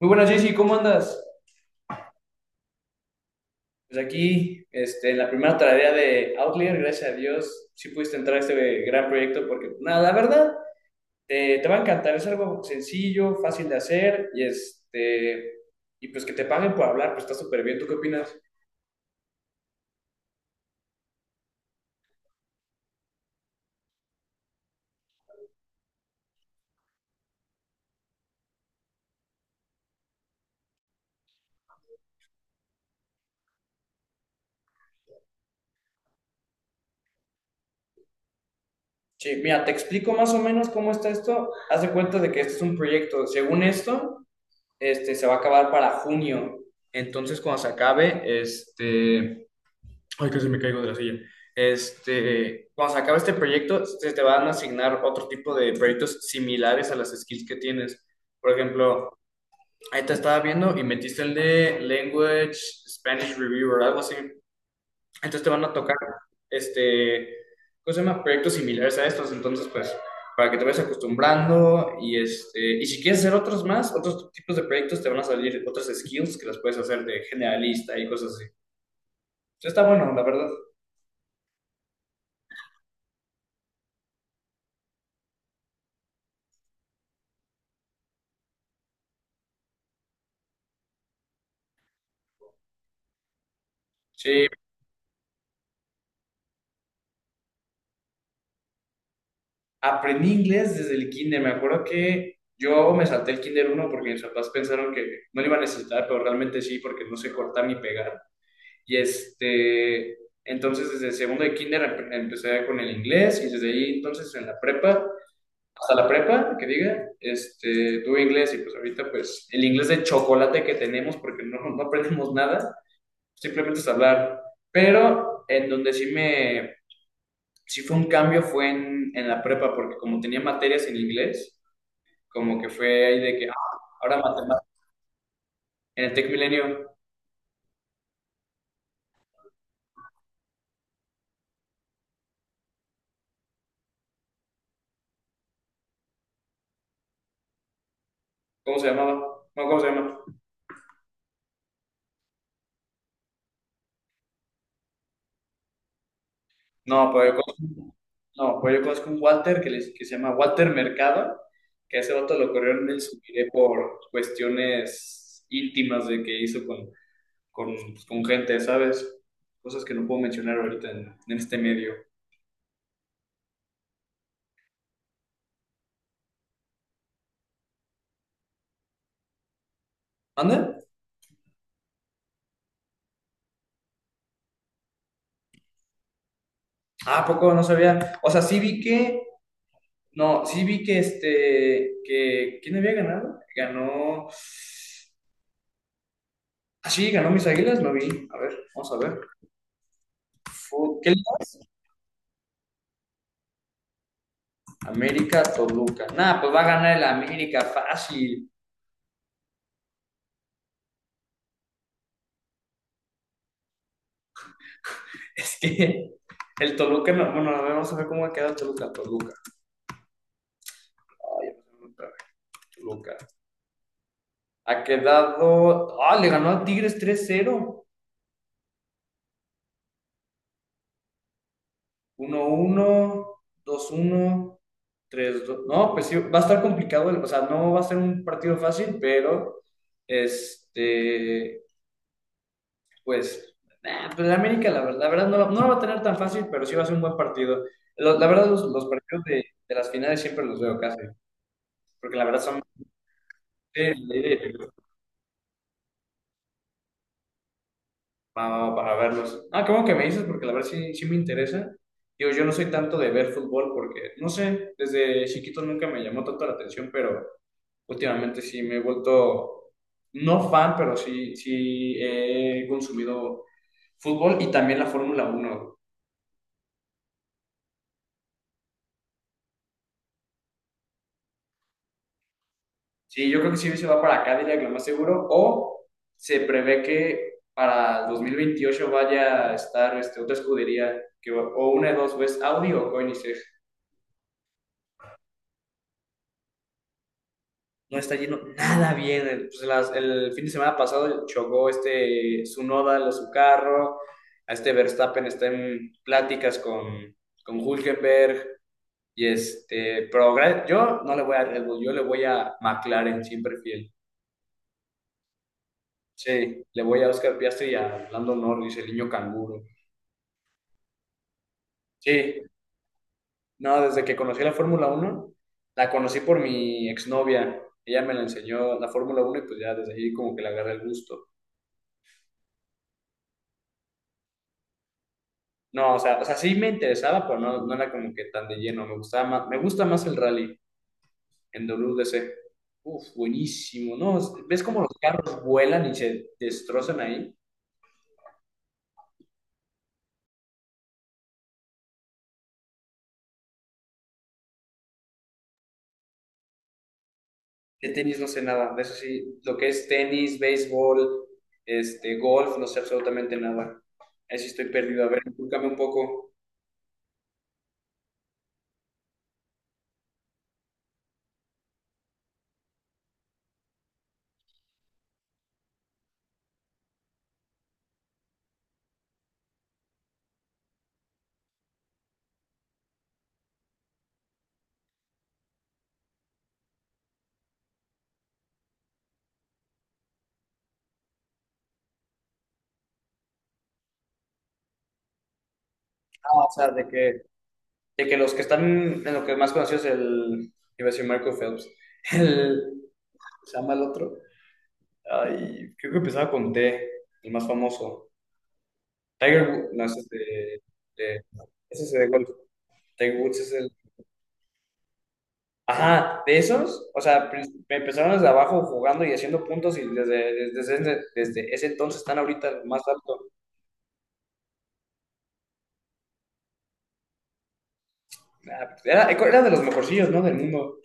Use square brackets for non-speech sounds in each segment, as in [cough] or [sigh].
Muy buenas, Jessy, ¿cómo andas? Pues aquí, en la primera tarea de Outlier, gracias a Dios, sí pudiste entrar a este gran proyecto porque, pues, nada, la verdad, te va a encantar. Es algo sencillo, fácil de hacer y, y pues que te paguen por hablar, pues está súper bien. ¿Tú qué opinas? Sí, mira, te explico más o menos cómo está esto. Haz de cuenta de que este es un proyecto. Según esto, se va a acabar para junio. Entonces, cuando se acabe, este... Ay, casi me caigo de la silla. Este, cuando se acabe este proyecto, se te van a asignar otro tipo de proyectos similares a las skills que tienes. Por ejemplo, ahí te estaba viendo y metiste el de Language Spanish Reviewer, algo así. Entonces te van a tocar, este, ¿cómo se llama? Proyectos similares a estos. Entonces, pues, para que te vayas acostumbrando y este, y si quieres hacer otros más, otros tipos de proyectos, te van a salir otras skills que las puedes hacer de generalista y cosas así. Entonces, está bueno, la verdad. Sí, aprendí inglés desde el kinder. Me acuerdo que yo me salté el kinder uno porque mis papás pensaron que no lo iba a necesitar, pero realmente sí, porque no sé cortar ni pegar. Y este, entonces desde segundo de kinder empecé con el inglés y desde ahí entonces en la prepa, hasta la prepa, que diga, este, tuve inglés y pues ahorita pues el inglés de chocolate que tenemos porque no aprendemos nada, simplemente es hablar. Pero en donde sí me si fue un cambio fue en la prepa, porque como tenía materias en inglés, como que fue ahí de que, ah, ahora matemáticas, en el Tech Milenio, ¿cómo se llamaba? No, ¿cómo se llama? No, pues yo conozco, no, pues yo conozco un Walter que, que se llama Walter Mercado, que a ese vato lo corrieron del Subiré por cuestiones íntimas de que hizo con, pues, con gente, ¿sabes? Cosas que no puedo mencionar ahorita en este medio. ¿Anda? Ah, ¿a poco no sabía? O sea, sí vi que no, sí vi que que, ¿quién había ganado? Ganó, ah, sí, ganó mis Águilas, no vi, a ver, vamos a ver, Fu- ¿qué liga? América, Toluca, nada, pues va a ganar el América, fácil, [laughs] es que el Toluca, no, bueno, a ver, vamos a ver cómo ha quedado Toluca, Toluca, ay, otra vez, Toluca, ha quedado, ah, le ganó a Tigres 3-0, uno uno dos uno tres dos. No, pues sí, va a estar complicado, o sea, no va a ser un partido fácil, pero este, pues, nah, pues la América, la, ver- la verdad, no, la- no la va a tener tan fácil, pero sí va a ser un buen partido. Lo- la verdad, los partidos de las finales siempre los veo casi, porque la verdad son de, de- para verlos. Ah, qué bueno que me dices, porque la verdad sí, sí me interesa. Digo, yo no soy tanto de ver fútbol porque, no sé, desde chiquito nunca me llamó tanto la atención, pero. Últimamente sí me he vuelto, no fan, pero sí, sí he consumido fútbol y también la Fórmula uno. Sí, yo creo que sí se va para Cadillac, lo más seguro, o se prevé que para 2028 vaya a estar este, otra escudería, que, va- o una de dos, o es Audi o Koenigsegg. No está yendo nada bien. El, pues, las- el fin de semana pasado chocó este Tsunoda, lo- su carro, a este Verstappen está en pláticas con Hülkenberg. Y este, pero gra- yo no le voy a Red Bull, yo le voy a McLaren, siempre fiel. Sí, le voy a Oscar Piastri y a Lando Norris, el niño canguro. Sí, no, desde que conocí la Fórmula Uno la conocí por mi exnovia. Ella me la enseñó la Fórmula Uno y pues ya desde ahí como que le agarré el gusto. No, o sea, sí me interesaba, pero no, no era como que tan de lleno. Me gustaba más, me gusta más el rally en WDC. Uf, buenísimo, ¿no? ¿Ves cómo los carros vuelan y se destrozan ahí? De tenis no sé nada, de eso sí, lo que es tenis, béisbol, este, golf, no sé absolutamente nada. Ahí sí estoy perdido. A ver, inculcame un poco. Ah, o sea, de que los que están en lo que más conocido es el, iba a decir Marco Phelps, [laughs] el, ¿se llama el otro? Ay, creo que empezaba con T, el más famoso. Tiger Woods, no, ese es de, de- ese es de golf. Tiger Woods es el. Ajá, de esos, o sea, pr- empezaron desde abajo jugando y haciendo puntos y desde, desde, desde- desde ese entonces están ahorita lo más alto. Ah, era, era de los mejorcillos, ¿no? Del mundo.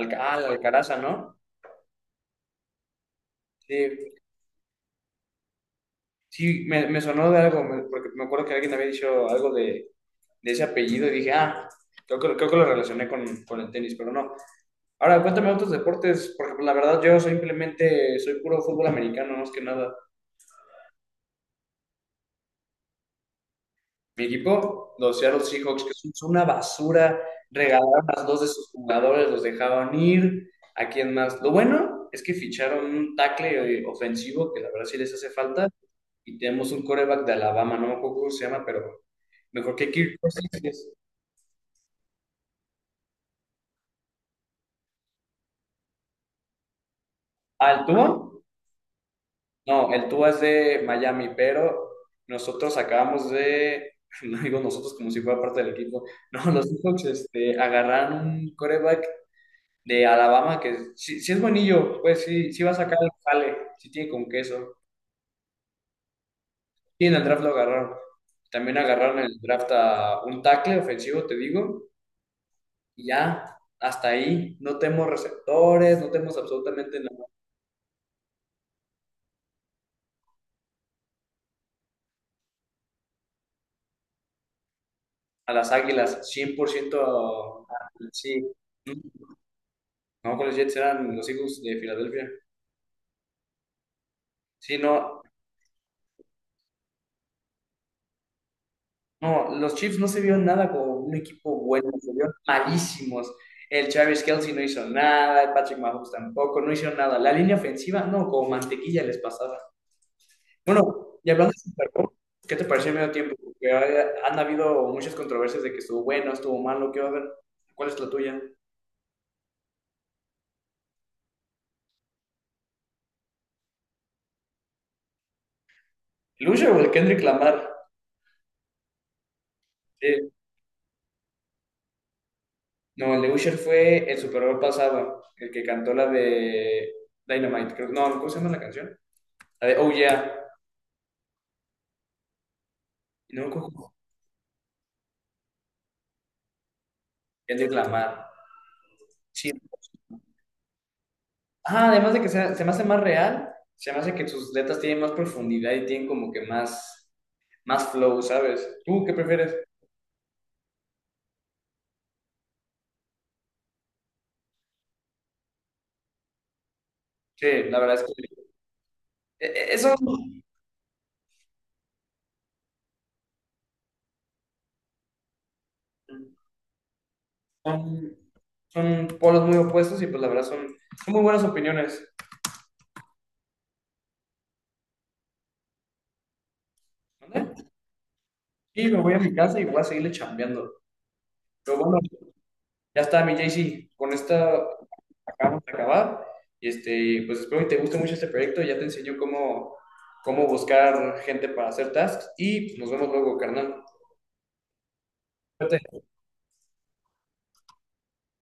Alca- ah, la Alcaraza, ¿no? Sí, sí, me sonó de algo, me- porque me acuerdo que alguien había dicho algo de ese apellido y dije, ah, creo que lo relacioné con el tenis, pero no. Ahora, cuéntame otros deportes, porque pues, la verdad yo simplemente soy puro fútbol americano, más que nada. Mi equipo, los Seattle Seahawks, que son una basura, regalaron a dos de sus jugadores, los dejaban ir. ¿A quién más? Lo bueno es que ficharon un tackle ofensivo, que la verdad sí les hace falta, y tenemos un coreback de Alabama, no me acuerdo cómo se llama, pero mejor que Kirk Cousins. Ah, ¿el Tua? No, el Tua es de Miami, pero nosotros acabamos de, [laughs] no digo nosotros como si fuera parte del equipo, no, los Seahawks este, agarraron un coreback de Alabama, que si, si es buenillo, pues sí, sí va a sacar el jale, si tiene con queso. Y en el draft lo agarraron. También agarraron en el draft a un tackle ofensivo, te digo, y ya, hasta ahí. No tenemos receptores, no tenemos absolutamente nada. A las Águilas, 100%, a- sí. No, con los Jets eran los Eagles de Filadelfia. Sí, no, no, los Chiefs no se vieron nada como un equipo bueno, se vieron malísimos. El Travis Kelce no hizo nada, el Patrick Mahomes tampoco, no hizo nada. La línea ofensiva, no, como mantequilla les pasaba. Bueno, y hablando de Super Bowl, ¿qué te pareció el medio tiempo? Porque ha- han habido muchas controversias de que estuvo bueno, estuvo malo, ¿qué va a haber? ¿Cuál es la tuya? ¿El Usher o el Kendrick Lamar? Sí. No, el de Usher fue el Super Bowl pasado, el que cantó la de Dynamite, creo. No, ¿cómo se llama la canción? La de Oh Yeah. No, ¿cómo? Kendrick Lamar. Sí. Ajá, además de que se me hace más real, se me hace que sus letras tienen más profundidad y tienen como que más, más flow, ¿sabes? ¿Tú qué prefieres? Sí, la verdad es que eso son, son polos muy opuestos y pues la verdad son, son muy buenas opiniones. ¿Dónde? Sí, me voy a mi casa y voy a seguirle chambeando. Pero bueno, ya está, mi JC. Con esta acabamos de acabar. Y este, pues espero que te guste mucho este proyecto. Ya te enseño cómo, cómo buscar gente para hacer tasks. Y pues, nos vemos luego, carnal. Artes.